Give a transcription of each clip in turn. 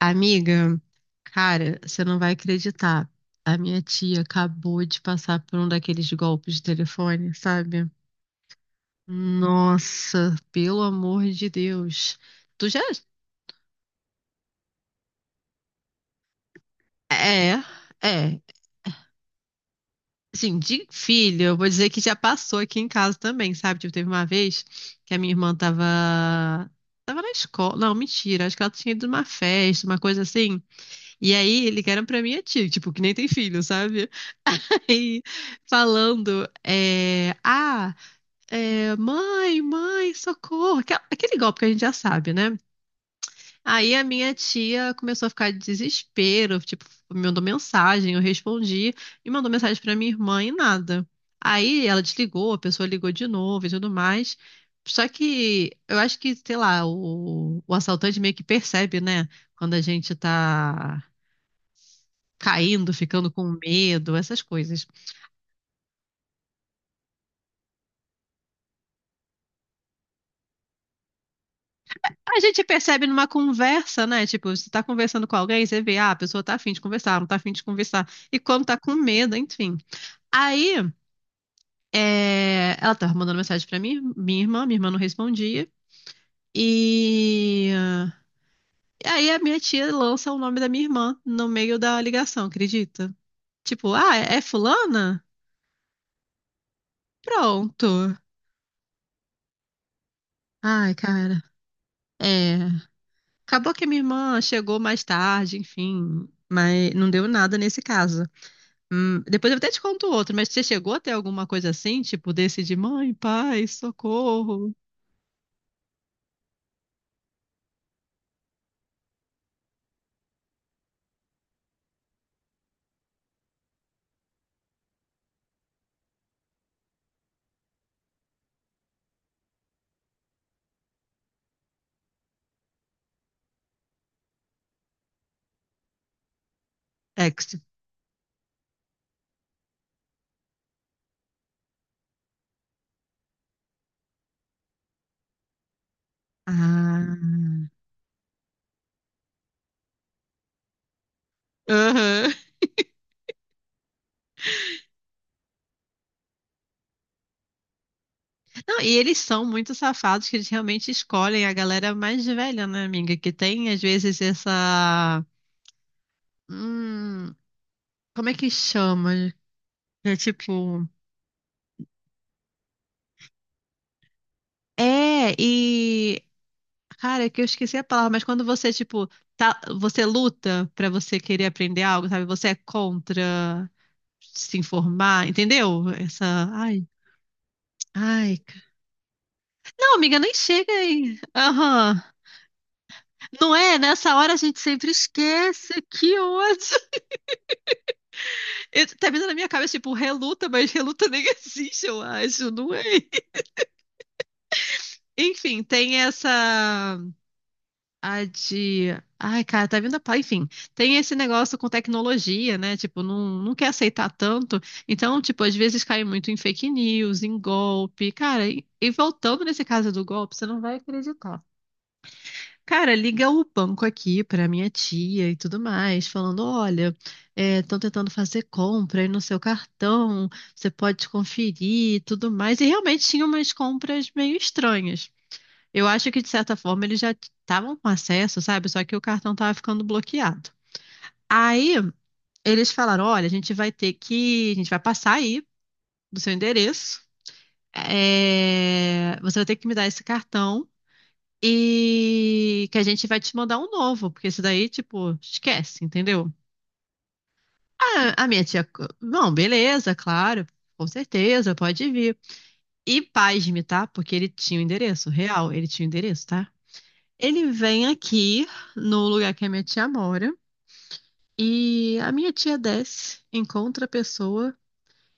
Amiga, cara, você não vai acreditar. A minha tia acabou de passar por um daqueles golpes de telefone, sabe? Nossa, pelo amor de Deus. Tu já. É, é. Assim, de filho, eu vou dizer que já passou aqui em casa também, sabe? Tipo, teve uma vez que a minha irmã tava. Tava na escola. Não, mentira. Acho que ela tinha ido numa festa, uma coisa assim. E aí ligaram pra minha tia, tipo, que nem tem filho, sabe? E falando, mãe, socorro, aquele golpe que a gente já sabe, né? Aí a minha tia começou a ficar de desespero, tipo, me mandou mensagem, eu respondi, e mandou mensagem pra minha irmã e nada. Aí ela desligou, a pessoa ligou de novo e tudo mais. Só que eu acho que, sei lá, o assaltante meio que percebe, né? Quando a gente tá caindo, ficando com medo, essas coisas. A gente percebe numa conversa, né? Tipo, você tá conversando com alguém, você vê, ah, a pessoa tá afim de conversar, não tá afim de conversar. E quando tá com medo, enfim. Aí, é, ela tava mandando mensagem pra mim, minha irmã não respondia. E... e aí a minha tia lança o nome da minha irmã no meio da ligação, acredita? Tipo, ah, é fulana? Pronto. Ai, cara. É. Acabou que a minha irmã chegou mais tarde, enfim, mas não deu nada nesse caso. Depois eu até te conto outro, mas você chegou a ter alguma coisa assim, tipo desse de mãe, pai, socorro? Ex. Ah. Aham. Não, e eles são muito safados que eles realmente escolhem a galera mais velha, né, amiga? Que tem, às vezes, essa. Hum, como é que chama? É tipo. É, e. Cara, é que eu esqueci a palavra, mas quando você, tipo, tá, você luta pra você querer aprender algo, sabe? Você é contra. Se informar, entendeu? Essa, ai, ai. Não, amiga, nem chega aí. Aham. Não é? Nessa hora a gente sempre esquece. Que ódio. Eu. Tá vindo na minha cabeça, tipo, reluta, mas reluta nem existe, eu acho, não é? Enfim, tem essa. A de. Ai, cara, tá vindo a. Enfim, tem esse negócio com tecnologia, né? Tipo, não quer aceitar tanto. Então, tipo, às vezes cai muito em fake news, em golpe. Cara, e voltando nesse caso do golpe, você não vai acreditar. Cara, liga o banco aqui para minha tia e tudo mais, falando: olha, estão tentando fazer compra aí no seu cartão, você pode conferir e tudo mais. E realmente tinha umas compras meio estranhas. Eu acho que, de certa forma, eles já estavam com acesso, sabe? Só que o cartão estava ficando bloqueado. Aí eles falaram: olha, a gente vai ter que. A gente vai passar aí do seu endereço. É, você vai ter que me dar esse cartão. E que a gente vai te mandar um novo, porque esse daí, tipo, esquece, entendeu? Ah, a minha tia, não, beleza, claro, com certeza, pode vir. E pasme, tá? Porque ele tinha o endereço, real, ele tinha o endereço, tá? Ele vem aqui no lugar que a minha tia mora e a minha tia desce, encontra a pessoa,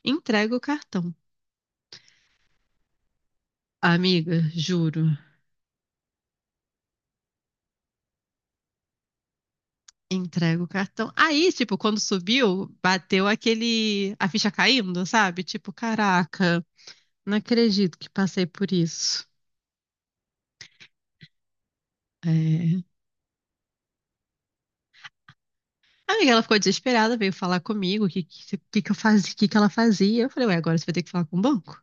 entrega o cartão. Amiga, juro, entrega o cartão. Aí, tipo, quando subiu, bateu aquele, a ficha caindo, sabe? Tipo, caraca. Não acredito que passei por isso. É. A amiga, ela ficou desesperada, veio falar comigo o que eu fazia, que ela fazia. Eu falei, ué, agora você vai ter que falar com o banco.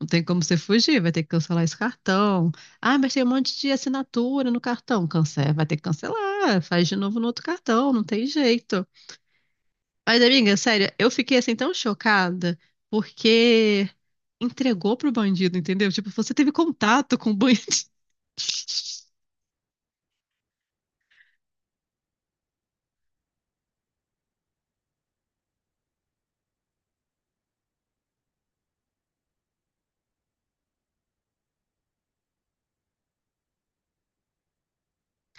Não tem como você fugir, vai ter que cancelar esse cartão. Ah, mas tem um monte de assinatura no cartão. Cancela, vai ter que cancelar, faz de novo no outro cartão, não tem jeito. Mas, amiga, sério, eu fiquei assim tão chocada porque entregou pro bandido, entendeu? Tipo, você teve contato com o bandido.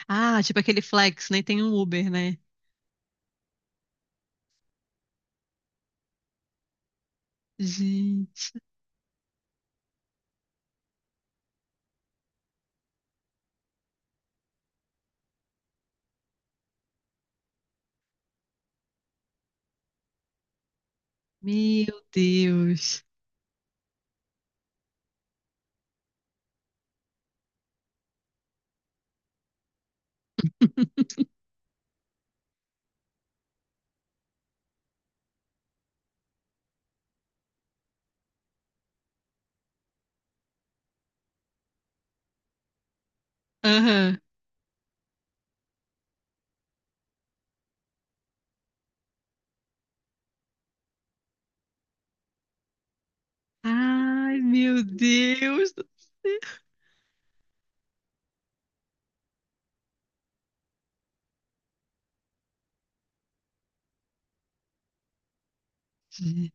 Ah, tipo aquele Flex, nem tem um Uber, né? Gente, meu Deus. Aham. Ai, meu Deus do céu.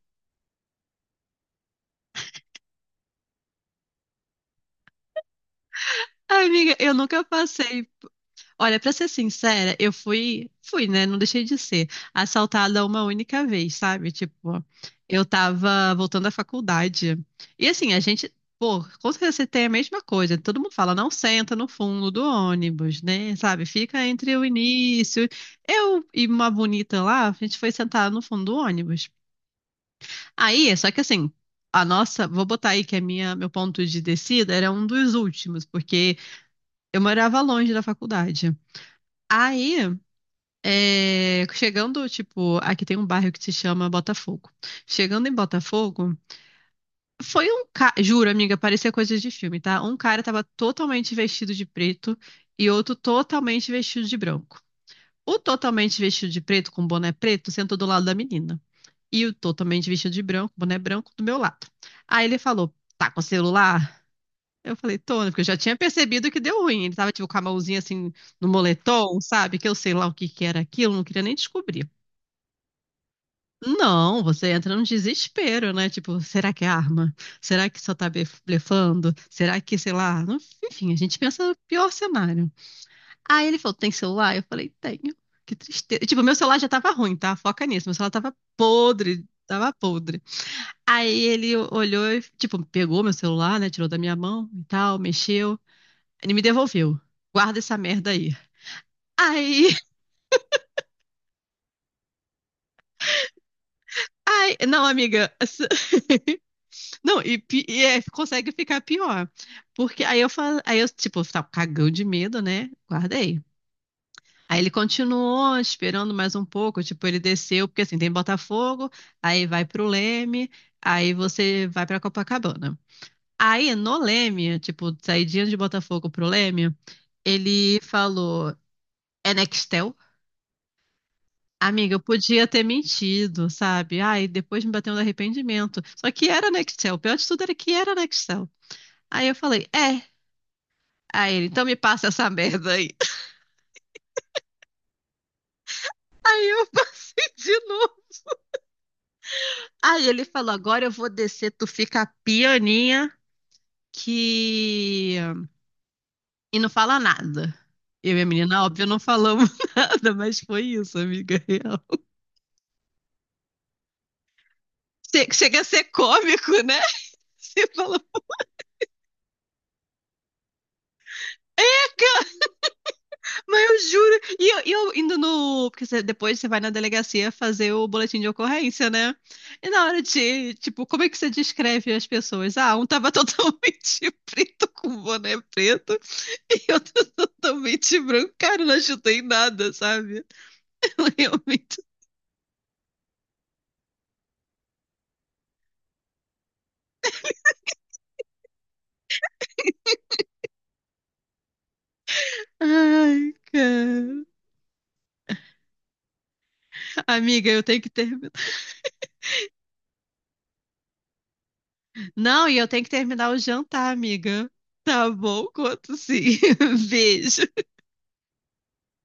Amiga, eu nunca passei. Olha, pra ser sincera, eu fui, né? Não deixei de ser assaltada uma única vez, sabe? Tipo, eu tava voltando da faculdade. E assim, a gente, pô, com certeza você tem a mesma coisa. Todo mundo fala, não senta no fundo do ônibus, né? Sabe? Fica entre o início. Eu e uma bonita lá, a gente foi sentar no fundo do ônibus. Aí, é só que assim, a nossa, vou botar aí que meu ponto de descida era um dos últimos, porque eu morava longe da faculdade. Aí, é, chegando, tipo, aqui tem um bairro que se chama Botafogo. Chegando em Botafogo, foi um cara, juro, amiga, parecia coisa de filme, tá? Um cara tava totalmente vestido de preto e outro totalmente vestido de branco. O totalmente vestido de preto, com boné preto, sentou do lado da menina. E eu totalmente vestido de branco, boné branco do meu lado. Aí ele falou: tá com o celular? Eu falei: tô, né, porque eu já tinha percebido que deu ruim. Ele tava tipo com a mãozinha assim no moletom, sabe? Que eu sei lá o que que era aquilo, não queria nem descobrir. Não, você entra num desespero, né? Tipo, será que é arma? Será que só tá blefando? Será que, sei lá? Não. Enfim, a gente pensa no pior cenário. Aí ele falou: tem celular? Eu falei: tenho. Que tristeza. Tipo, meu celular já tava ruim, tá? Foca nisso. Meu celular tava podre, tava podre. Aí ele olhou e, tipo, pegou meu celular, né? Tirou da minha mão e tal, mexeu. Ele me devolveu. Guarda essa merda aí. Aí, aí. Não, amiga. Essa. Não, e é, consegue ficar pior. Porque aí eu falo, aí eu, tipo, tava cagão de medo, né? Guardei. Aí ele continuou esperando mais um pouco, tipo, ele desceu, porque assim, tem Botafogo, aí vai pro Leme, aí você vai pra Copacabana. Aí no Leme, tipo, saidinha de Botafogo pro Leme, ele falou, é Nextel? Amiga, eu podia ter mentido, sabe? Ai, depois me bateu um arrependimento. Só que era Nextel. O pior de tudo era que era Nextel. Aí eu falei, é. Aí ele, então me passa essa merda aí. Aí eu passei de novo. Aí ele falou, agora eu vou descer, tu fica pianinha que... E não fala nada. Eu e a menina, óbvio, não falamos nada, mas foi isso, amiga real. Chega a ser cômico, né? Você fala, mas eu juro. E eu indo no. Porque você. Depois você vai na delegacia fazer o boletim de ocorrência, né? E na hora de. Tipo, como é que você descreve as pessoas? Ah, um tava totalmente preto com boné preto e outro totalmente branco. Cara, eu não ajudei em nada, sabe? Realmente. Ai, cara. Amiga, eu tenho que terminar. Não, e eu tenho que terminar o jantar, amiga. Tá bom, quanto sim. Beijo.